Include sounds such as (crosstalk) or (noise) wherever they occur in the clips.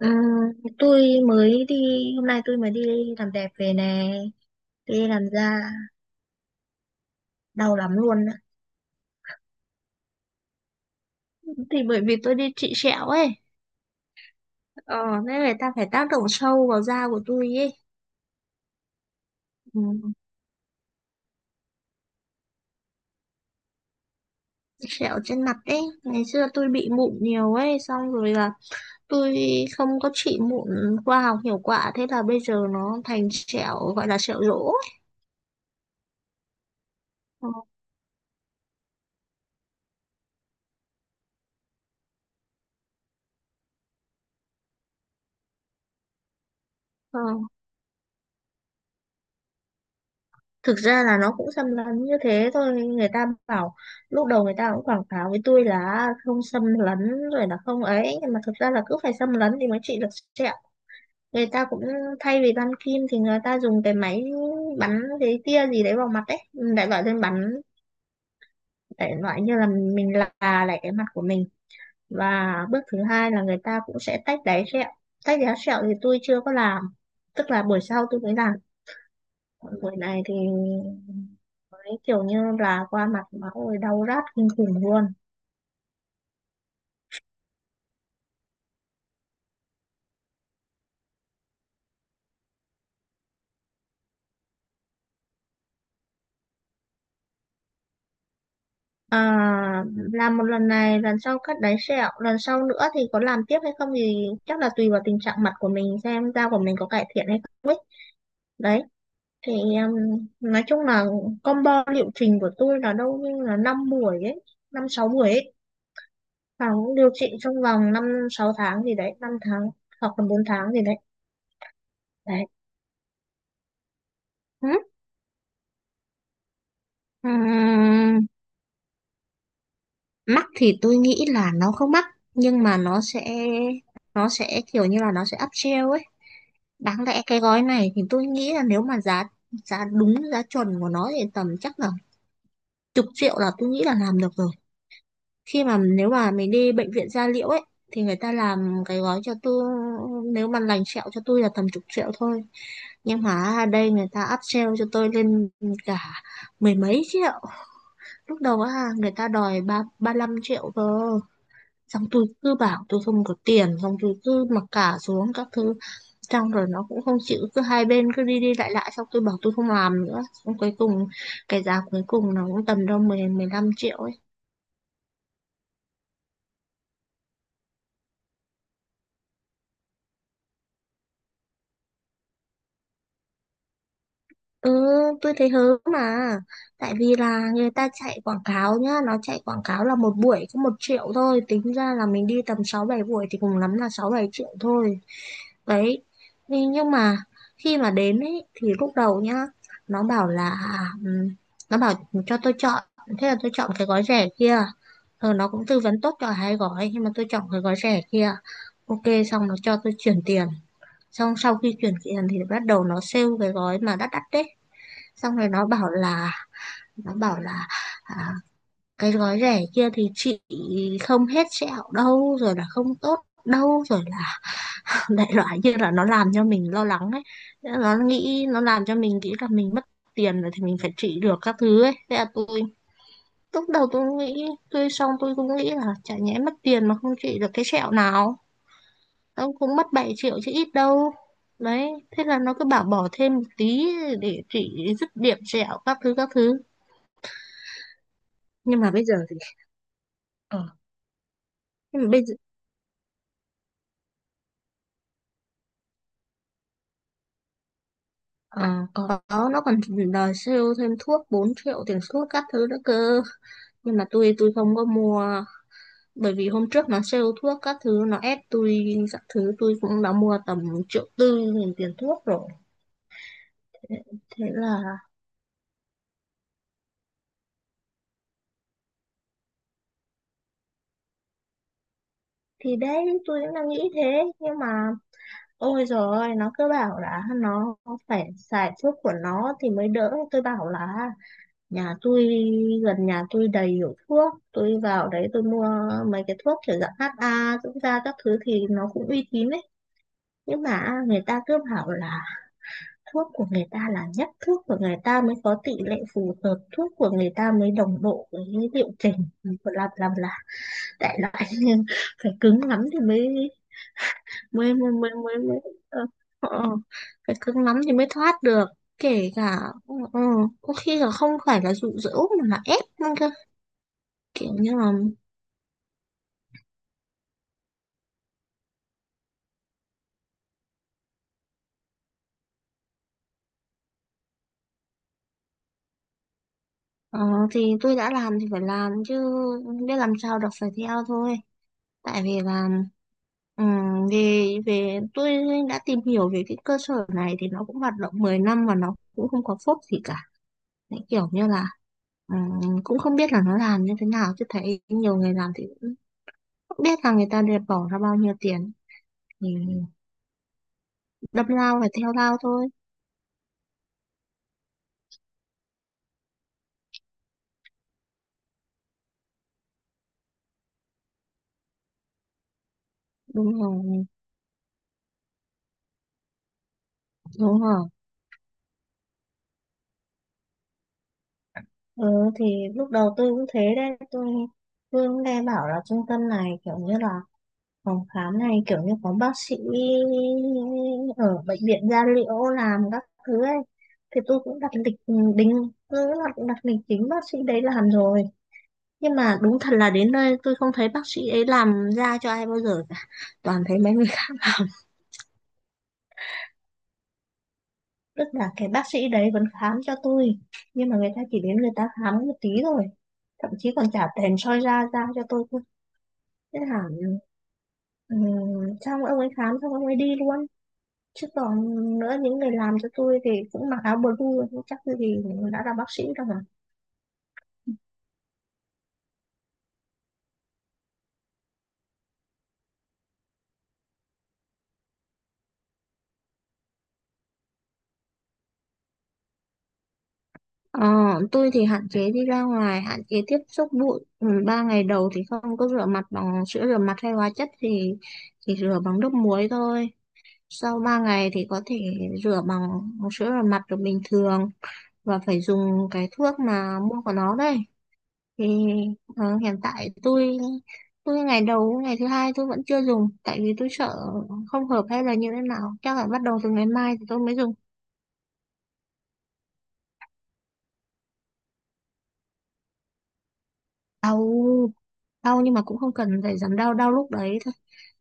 Ừ, tôi mới đi hôm nay tôi mới đi làm đẹp về nè. Tôi đi làm da đau lắm luôn á. Thì bởi vì tôi đi trị sẹo ấy, ờ nên người ta phải tác động sâu vào da của tôi ấy. Ừ. Sẹo trên mặt ấy, ngày xưa tôi bị mụn nhiều ấy, xong rồi là tôi không có trị mụn khoa học hiệu quả, thế là bây giờ nó thành sẹo gọi là sẹo rỗ. Ờ, ờ. Thực ra là nó cũng xâm lấn như thế thôi, người ta bảo lúc đầu người ta cũng quảng cáo với tôi là không xâm lấn rồi là không ấy, nhưng mà thực ra là cứ phải xâm lấn thì mới trị được sẹo. Người ta cũng thay vì băng kim thì người ta dùng cái máy bắn cái tia gì đấy vào mặt đấy, đại loại lên bắn, đại loại như là mình là lại cái mặt của mình. Và bước thứ hai là người ta cũng sẽ tách đáy sẹo. Tách đáy sẹo thì tôi chưa có làm, tức là buổi sau tôi mới làm. Còn buổi này thì ấy kiểu như là qua mặt máu rồi đau rát kinh khủng luôn. À, làm một lần này, lần sau cắt đáy sẹo, lần sau nữa thì có làm tiếp hay không thì chắc là tùy vào tình trạng mặt của mình, xem da của mình có cải thiện hay không ấy. Đấy, thì nói chung là combo liệu trình của tôi là đâu như là 5 buổi ấy, 5-6 buổi ấy, và cũng điều trị trong vòng 5-6 tháng gì đấy, 5 tháng, hoặc là 4 tháng gì đấy. Đấy. Ừ. Ừ. Mắc thì tôi nghĩ là nó không mắc, nhưng mà nó sẽ kiểu như là nó sẽ up upsell ấy. Đáng lẽ cái gói này thì tôi nghĩ là nếu mà giá giá đúng giá chuẩn của nó thì tầm chắc là chục triệu là tôi nghĩ là làm được rồi. Khi mà nếu mà mình đi bệnh viện da liễu ấy thì người ta làm cái gói cho tôi, nếu mà lành sẹo cho tôi là tầm chục triệu thôi. Nhưng mà ở đây người ta up upsell cho tôi lên cả mười mấy triệu. Lúc đầu á người ta đòi ba ba lăm triệu cơ. Xong tôi cứ bảo tôi không có tiền, xong tôi cứ mặc cả xuống các thứ, xong rồi nó cũng không chịu, cứ hai bên cứ đi đi lại lại, xong tôi bảo tôi không làm nữa, xong cuối cùng cái giá cuối cùng nó cũng tầm đâu 10-15 triệu ấy. Ừ, tôi thấy hớ mà. Tại vì là người ta chạy quảng cáo nhá, nó chạy quảng cáo là một buổi có 1 triệu thôi, tính ra là mình đi tầm 6-7 buổi thì cùng lắm là 6-7 triệu thôi. Đấy. Nhưng mà khi mà đến ấy thì lúc đầu nhá nó bảo là, ừm, nó bảo cho tôi chọn, thế là tôi chọn cái gói rẻ kia. Ờ, nó cũng tư vấn tốt cho hai gói nhưng mà tôi chọn cái gói rẻ kia. OK, xong nó cho tôi chuyển tiền, xong sau khi chuyển tiền thì bắt đầu nó sale cái gói mà đắt đắt đấy. Xong rồi nó bảo là, à, cái gói rẻ kia thì chị không hết sẹo đâu, rồi là không tốt đâu, rồi đại loại như là nó làm cho mình lo lắng ấy. Nó nghĩ, nó làm cho mình nghĩ là mình mất tiền rồi thì mình phải trị được các thứ ấy. Thế là tôi, lúc đầu tôi nghĩ tôi, xong tôi cũng nghĩ là chả nhẽ mất tiền mà không trị được cái sẹo nào. Nó cũng mất 7 triệu chứ ít đâu. Đấy, thế là nó cứ bảo bỏ thêm một tí để trị dứt điểm sẹo các thứ các thứ. Nhưng mà bây giờ thì, ờ, nhưng mà bây giờ ờ, có, nó còn đòi sale thêm thuốc 4 triệu tiền thuốc các thứ nữa cơ. Nhưng mà tôi không có mua, bởi vì hôm trước nó sale thuốc các thứ nó ép tôi các thứ, tôi cũng đã mua tầm triệu tư nghìn tiền thuốc rồi. Thế là, thì đấy tôi cũng đang nghĩ thế. Nhưng mà ôi giời ơi, nó cứ bảo là nó phải xài thuốc của nó thì mới đỡ. Tôi bảo là nhà tôi gần nhà tôi đầy hiệu thuốc, tôi vào đấy tôi mua mấy cái thuốc kiểu dạng HA dưỡng da các thứ thì nó cũng uy tín ấy. Nhưng mà người ta cứ bảo là thuốc của người ta là nhất, thuốc của người ta mới có tỷ lệ phù hợp, thuốc của người ta mới đồng bộ với liệu trình. Làm là đại loại (laughs) nhưng phải cứng lắm thì mới, mới mới mới mới, mới ờ, ờ, ờ, phải cứng lắm thì mới thoát được. Kể cả, ừ, có khi là không phải là dụ dỗ mà là ép nữa cơ, kiểu như là, ờ, thì tôi đã làm thì phải làm chứ, biết làm sao được, phải theo thôi. Tại vì là, về về tôi đã tìm hiểu về cái cơ sở này thì nó cũng hoạt động 10 năm mà nó cũng không có phốt gì cả. Đấy, kiểu như là, cũng không biết là nó làm như thế nào chứ thấy nhiều người làm thì cũng không biết là người ta đều bỏ ra bao nhiêu tiền. Thì đâm lao phải theo lao thôi. Đúng rồi. Đúng rồi. Ừ, thì lúc đầu tôi cũng thế đấy, tôi cũng nghe bảo là trung tâm này kiểu như là phòng khám này kiểu như có bác sĩ ở bệnh viện da liễu làm các thứ ấy, thì tôi cũng đặt lịch. Ừ, đính, tôi cũng đặt lịch chính bác sĩ đấy làm rồi. Nhưng mà đúng thật là đến nơi tôi không thấy bác sĩ ấy làm da cho ai bao giờ cả, toàn thấy mấy người khác. Tức là cái bác sĩ đấy vẫn khám cho tôi, nhưng mà người ta chỉ đến người ta khám một tí thôi, thậm chí còn trả tiền soi da da cho tôi thôi. Thế là, ừ, xong ông ấy khám xong ông ấy đi luôn. Chứ còn nữa, những người làm cho tôi thì cũng mặc áo blue, nhưng chắc tôi thì đã là bác sĩ đâu mà. Ờ, tôi thì hạn chế đi ra ngoài, hạn chế tiếp xúc bụi. Ừ, ba ngày đầu thì không có rửa mặt bằng sữa rửa mặt hay hóa chất, thì rửa bằng nước muối thôi. Sau 3 ngày thì có thể rửa bằng sữa rửa mặt được bình thường, và phải dùng cái thuốc mà mua của nó đây. Thì ờ, hiện tại tôi ngày đầu ngày thứ hai tôi vẫn chưa dùng, tại vì tôi sợ không hợp hay là như thế nào, chắc là bắt đầu từ ngày mai thì tôi mới dùng. Đau, nhưng mà cũng không cần phải giảm đau, đau lúc đấy thôi,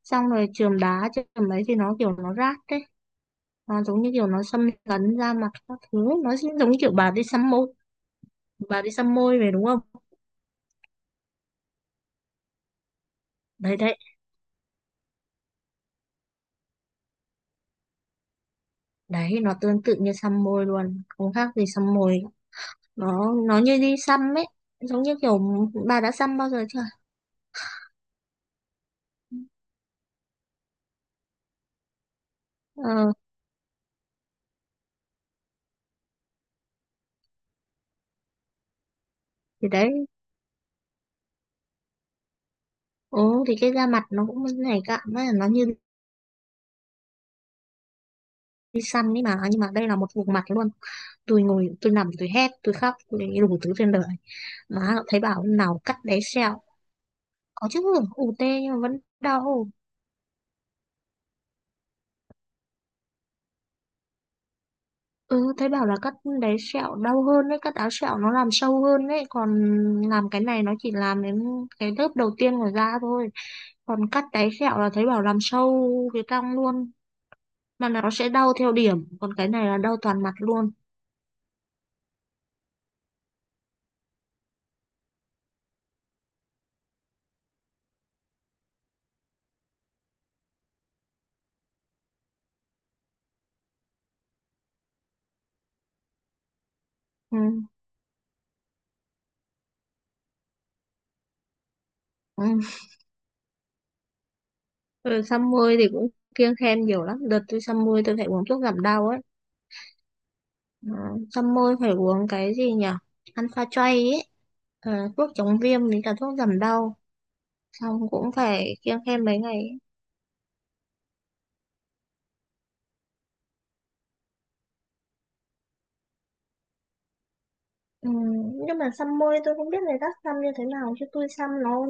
xong rồi chườm đá. Chườm ấy thì nó kiểu nó rát đấy, nó giống như kiểu nó xâm lấn da mặt các thứ, nó giống như kiểu bà đi xăm môi, về, đúng không. Đấy đấy đấy, nó tương tự như xăm môi luôn, không khác gì xăm môi. Nó như đi xăm ấy, giống như kiểu, bà đã xăm bao giờ chưa. Ờ, thì đấy. Ừ, thì cái da mặt nó cũng nhảy cạn đấy, nó như đi xăm ấy mà, nhưng mà đây là một vùng mặt luôn. Tôi ngồi tôi nằm tôi hét tôi khóc tôi đủ thứ trên đời. Má nó, thấy bảo nào cắt đáy sẹo. Có chứ, ù tê nhưng mà vẫn đau. Ừ, thấy bảo là cắt đáy sẹo đau hơn đấy, cắt áo sẹo nó làm sâu hơn đấy, còn làm cái này nó chỉ làm đến cái lớp đầu tiên của da thôi, còn cắt đáy sẹo là thấy bảo làm sâu cái cong luôn, mà nó sẽ đau theo điểm, còn cái này là đau toàn mặt luôn. Ừ. Ừ. Rồi xăm môi thì cũng kiêng khem nhiều lắm, đợt tôi xăm môi tôi phải uống thuốc giảm đau ấy. Ừ. Xăm môi phải uống cái gì nhỉ, Alpha Tray ấy. Ờ, thuốc chống viêm với cả thuốc giảm đau, xong cũng phải kiêng khem mấy ngày ấy. Ừ. Nhưng mà xăm môi tôi không biết người khác xăm như thế nào chứ tôi xăm nó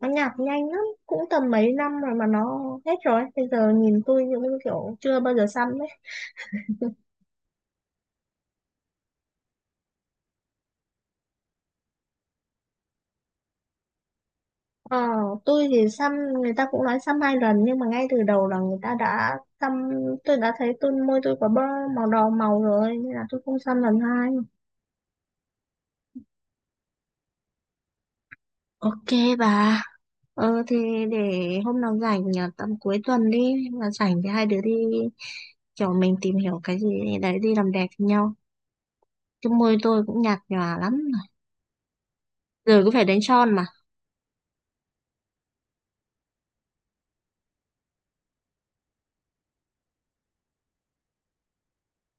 nó nhạt nhanh lắm, cũng tầm mấy năm rồi mà nó hết rồi, bây giờ nhìn tôi như kiểu chưa bao giờ xăm. Ờ, tôi thì xăm, người ta cũng nói xăm hai lần nhưng mà ngay từ đầu là người ta đã xăm, tôi đã thấy tôi môi tôi có bơ màu đỏ màu rồi nên là tôi không xăm lần hai. OK bà. Ờ thì để hôm nào rảnh, à, tầm cuối tuần đi là rảnh thì hai đứa đi, kiểu mình tìm hiểu cái gì đấy đi làm đẹp với nhau, chứ môi tôi cũng nhạt nhòa lắm rồi, giờ cũng phải đánh son mà.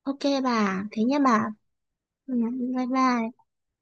OK bà, thế nhé bà. Ừ, bye bye.